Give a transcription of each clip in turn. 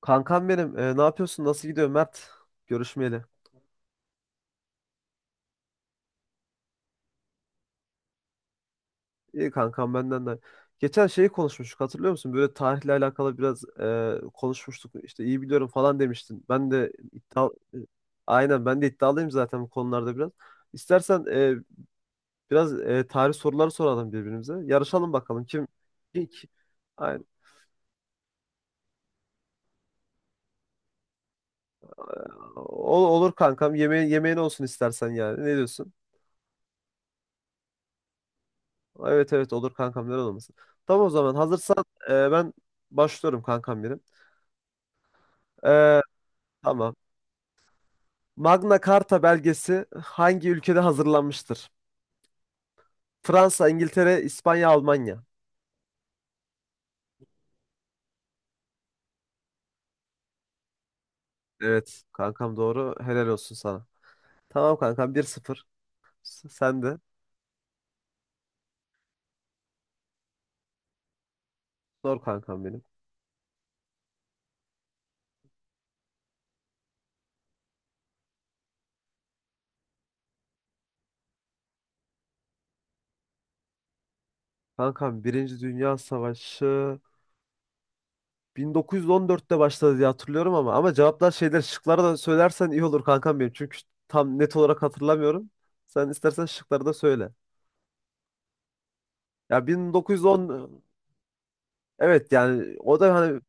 Kankam benim, ne yapıyorsun? Nasıl gidiyor Mert? Görüşmeyeli. İyi kankam, benden de. Geçen şeyi konuşmuştuk, hatırlıyor musun? Böyle tarihle alakalı biraz konuşmuştuk. İşte iyi biliyorum falan demiştin. Ben de iddia e, Aynen, ben de iddialıyım zaten bu konularda biraz. İstersen biraz tarih soruları soralım birbirimize. Yarışalım bakalım kim ilk. Aynen. Olur kankam. Yemeğin olsun istersen yani. Ne diyorsun? Evet, evet, olur kankam, neden olmasın. Tamam, o zaman hazırsan ben başlıyorum kankam benim. Ee, tamam. Magna Carta belgesi hangi ülkede hazırlanmıştır? Fransa, İngiltere, İspanya, Almanya. Evet kankam, doğru. Helal olsun sana. Tamam kankam, 1-0. Sen de. Sor kankam benim. Kankam, Birinci Dünya Savaşı 1914'te başladı diye hatırlıyorum ama cevaplar şeyler şıkları da söylersen iyi olur kankam benim. Çünkü tam net olarak hatırlamıyorum. Sen istersen şıkları da söyle. Ya, 1910. Evet, yani o da hani.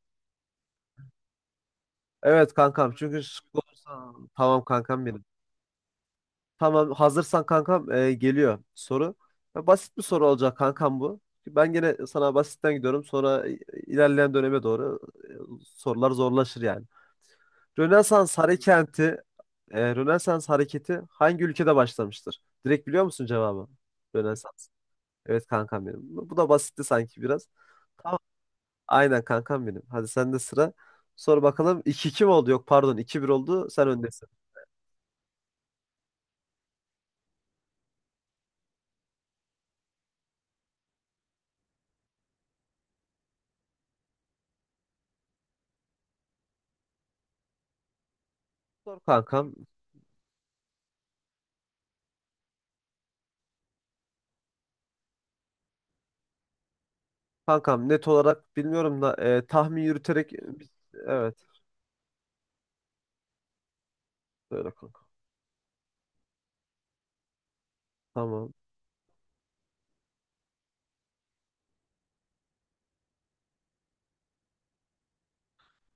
Evet kankam, çünkü şıklı. Tamam kankam benim. Tamam, hazırsan kankam, geliyor soru. Ya, basit bir soru olacak kankam bu. Ben gene sana basitten gidiyorum, sonra ilerleyen döneme doğru sorular zorlaşır yani. Rönesans hareketi Rönesans hareketi hangi ülkede başlamıştır? Direkt biliyor musun cevabı? Rönesans. Evet kankam benim. Bu da basitti sanki biraz. Tamam. Aynen kankam benim. Hadi, sende sıra. Sor bakalım, 2-2 mi oldu? Yok pardon, 2-1 oldu. Sen öndesin. Sor kankam. Kankam, net olarak bilmiyorum da tahmin yürüterek, evet. Söyle kanka. Tamam.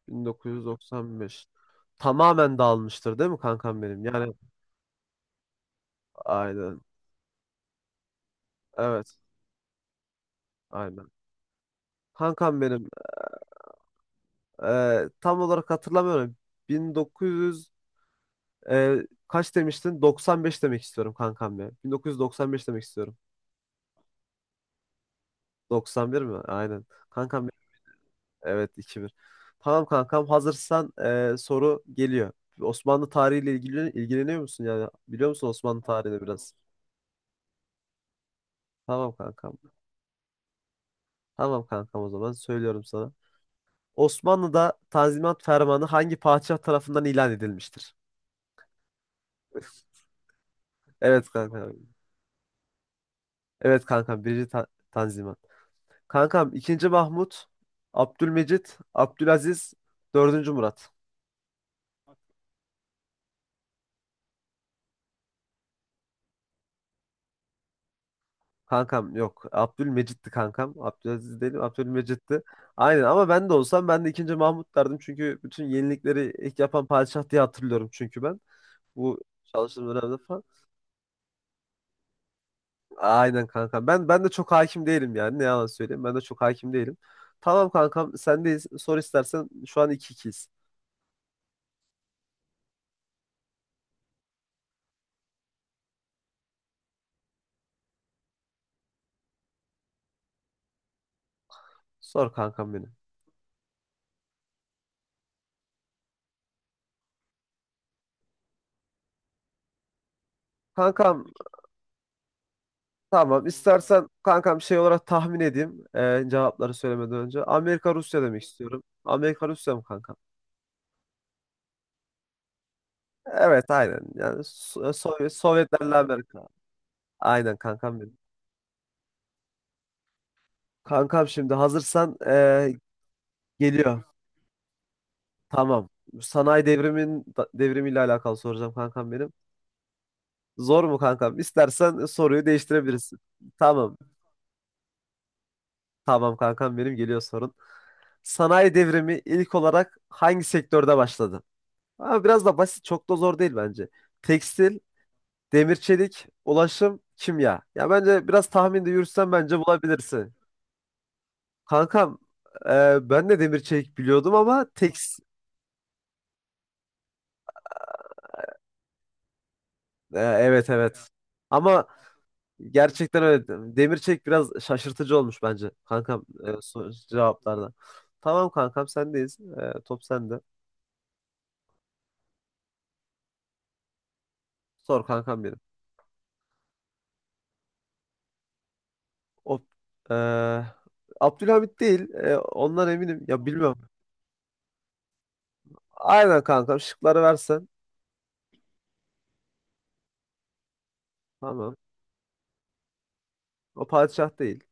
1995. Tamamen dağılmıştır değil mi kankam benim? Yani aynen. Evet. Aynen. Kankam benim, tam olarak hatırlamıyorum. 1900 e, kaç demiştin? 95 demek istiyorum kankam ya. 1995 demek istiyorum. Doksan bir mi? Aynen. Kankam, evet, 2-1. Tamam kankam, hazırsan soru geliyor. Osmanlı tarihiyle ilgileniyor musun yani? Biliyor musun Osmanlı tarihini biraz? Tamam kankam. Tamam kankam, o zaman söylüyorum sana. Osmanlı'da Tanzimat Fermanı hangi padişah tarafından ilan edilmiştir? Evet kankam. Evet kankam, birinci Tanzimat. Kankam, II. Mahmut, Abdülmecit, Abdülaziz, IV. Murat. Kankam yok. Abdülmecit'ti kankam. Abdülaziz değilim. Abdülmecit'ti. Aynen, ama ben de olsam ben de II. Mahmut derdim. Çünkü bütün yenilikleri ilk yapan padişah diye hatırlıyorum çünkü ben. Bu çalıştığım dönemde falan. Aynen kankam. Ben de çok hakim değilim yani. Ne yalan söyleyeyim. Ben de çok hakim değilim. Tamam kankam, sendeyiz. Sor istersen. Şu an 2-2'yiz. Sor kankam benim. Kankam, tamam. istersen kankam, şey olarak tahmin edeyim. Cevapları söylemeden önce. Amerika Rusya demek istiyorum. Amerika Rusya mı kankam? Evet, aynen. Yani Sovyetlerle Amerika. Aynen kankam benim. Kankam şimdi hazırsan, geliyor. Tamam. Sanayi devrimiyle alakalı soracağım kankam benim. Zor mu kankam? İstersen soruyu değiştirebilirsin. Tamam. Tamam kankam benim, geliyor sorun. Sanayi devrimi ilk olarak hangi sektörde başladı? Ama biraz da basit, çok da zor değil bence. Tekstil, demir çelik, ulaşım, kimya. Ya bence biraz tahminde yürütsen bence bulabilirsin. Kankam, ben de demir çelik biliyordum ama evet, evet. Ama gerçekten öyle. Demir çelik biraz şaşırtıcı olmuş bence kankam, cevaplarda. Tamam kankam, sendeyiz. Top sende. Sor kankam benim. O, e, Abdülhamit değil. Ondan eminim. Ya, bilmiyorum. Aynen kankam, şıkları versen. Tamam. O padişah değil.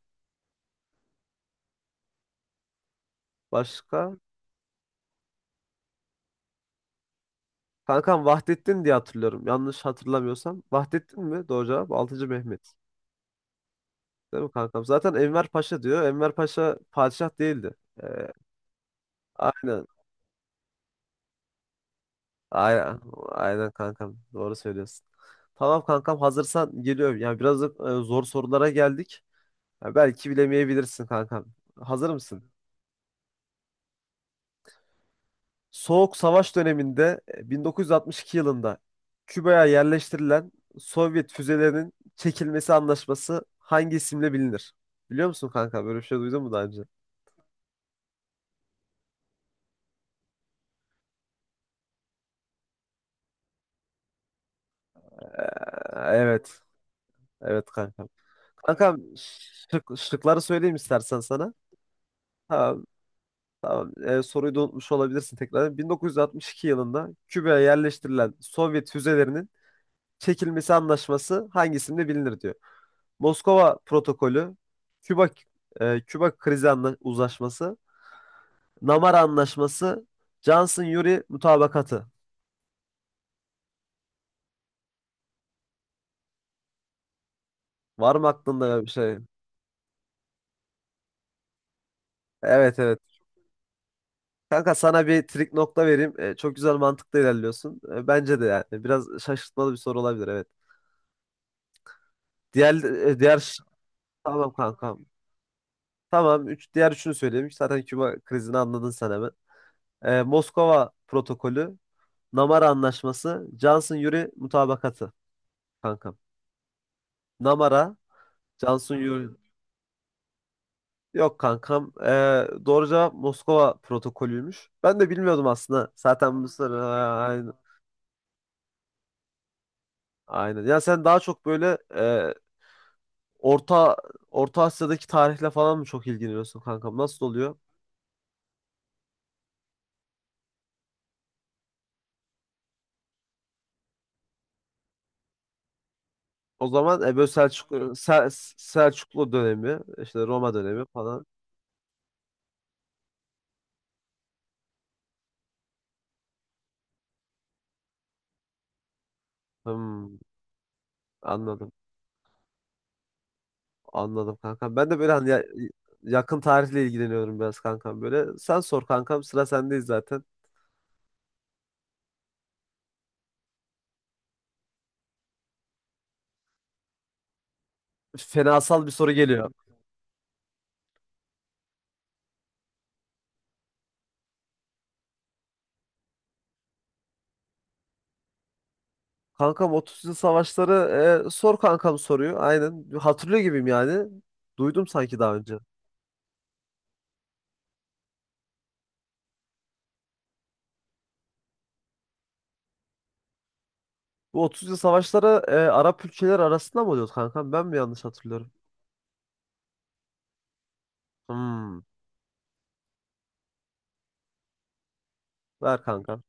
Başka? Kankam, Vahdettin diye hatırlıyorum. Yanlış hatırlamıyorsam. Vahdettin mi? Doğru cevap. VI. Mehmet. Değil mi kankam? Zaten Enver Paşa diyor. Enver Paşa padişah değildi. Ee, aynen. Aynen. Aynen kankam. Doğru söylüyorsun. Tamam kankam, hazırsan geliyorum. Yani biraz da, zor sorulara geldik. Ya, belki bilemeyebilirsin kankam. Hazır mısın? Soğuk Savaş döneminde, 1962 yılında Küba'ya yerleştirilen Sovyet füzelerinin çekilmesi anlaşması hangi isimle bilinir? Biliyor musun kanka? Böyle bir şey duydun mu daha önce? Ee, evet. Evet kanka. Kankam, şıkları söyleyeyim istersen sana. Tamam, tamam. Soruyu da unutmuş olabilirsin tekrar. 1962 yılında Küba'ya yerleştirilen Sovyet füzelerinin çekilmesi anlaşması hangisinde bilinir diyor. Moskova Protokolü, Küba Küba Krizi Uzlaşması, Namara Anlaşması, Johnson-Yuri Mutabakatı. Var mı aklında ya bir şey? Evet, evet. Kanka, sana bir trik nokta vereyim. Çok güzel mantıkla ilerliyorsun. Bence de yani biraz şaşırtmalı bir soru olabilir, evet. Diğer e, diğer Tamam kankam. Tamam, diğer üçünü söyleyeyim. Zaten Küba krizini anladın sen hemen. Moskova protokolü, Namara Anlaşması, Johnson-Yuri mutabakatı kankam. Namara, Johnson-Yuri Yok kankam. Doğru cevap Moskova protokolüymüş. Ben de bilmiyordum aslında. Zaten bu soru, ha, aynen. Aynen. Ya sen daha çok böyle, Orta Orta Asya'daki tarihle falan mı çok ilgileniyorsun kankam? Nasıl oluyor? O zaman böyle Selçuklu dönemi, işte Roma dönemi falan. Hmm, anladım. Anladım kankam. Ben de böyle hani, yakın tarihle ilgileniyorum biraz kankam böyle. Sen sor kankam, sıra sendeyiz zaten. Fenasal bir soru geliyor. Kankam, 30 yıl savaşları. Sor kankam, soruyor. Aynen. Hatırlıyor gibiyim yani. Duydum sanki daha önce. Bu 30 yıl savaşları Arap ülkeleri arasında mı oluyordu kankam? Ben mi yanlış hatırlıyorum? Hmm. Ver kankam.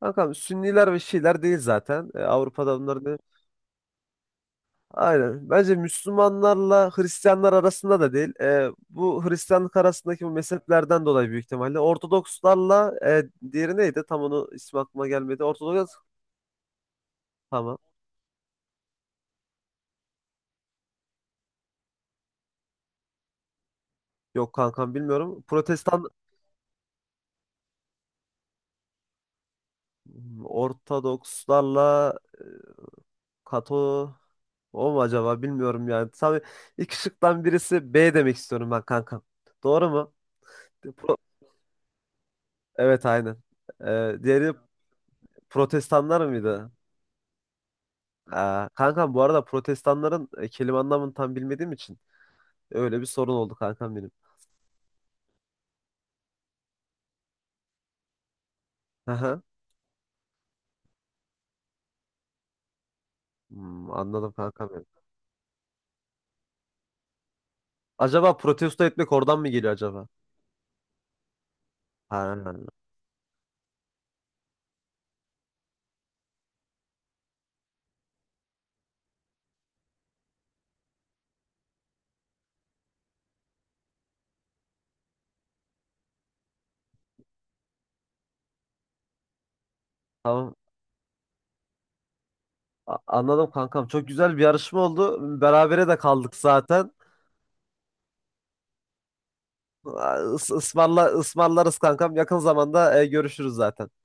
Kankam, Sünniler ve Şiiler değil zaten. Avrupa'da bunlar değil. Aynen. Bence Müslümanlarla Hristiyanlar arasında da değil. Bu Hristiyanlık arasındaki bu mezheplerden dolayı büyük ihtimalle. Ortodokslarla, diğeri neydi? Tam onu ismi aklıma gelmedi. Ortodoks. Tamam. Yok kankam, bilmiyorum. Protestan. Hmm, Ortodokslarla Kato, o mu acaba, bilmiyorum yani. Tabii, iki şıktan birisi B demek istiyorum ben kankam. Doğru mu? Pro- Evet, aynen. Diğeri Protestanlar mıydı? Aa, kankam, bu arada protestanların kelime anlamını tam bilmediğim için öyle bir sorun oldu kankam benim. Aha. Hmm, anladım kankam benim. Acaba protesto etmek oradan mı geliyor acaba? Ha, tamam. Anladım kankam. Çok güzel bir yarışma oldu. Berabere de kaldık zaten. Aa, Is ısmarla ısmarlarız kankam. Yakın zamanda görüşürüz zaten.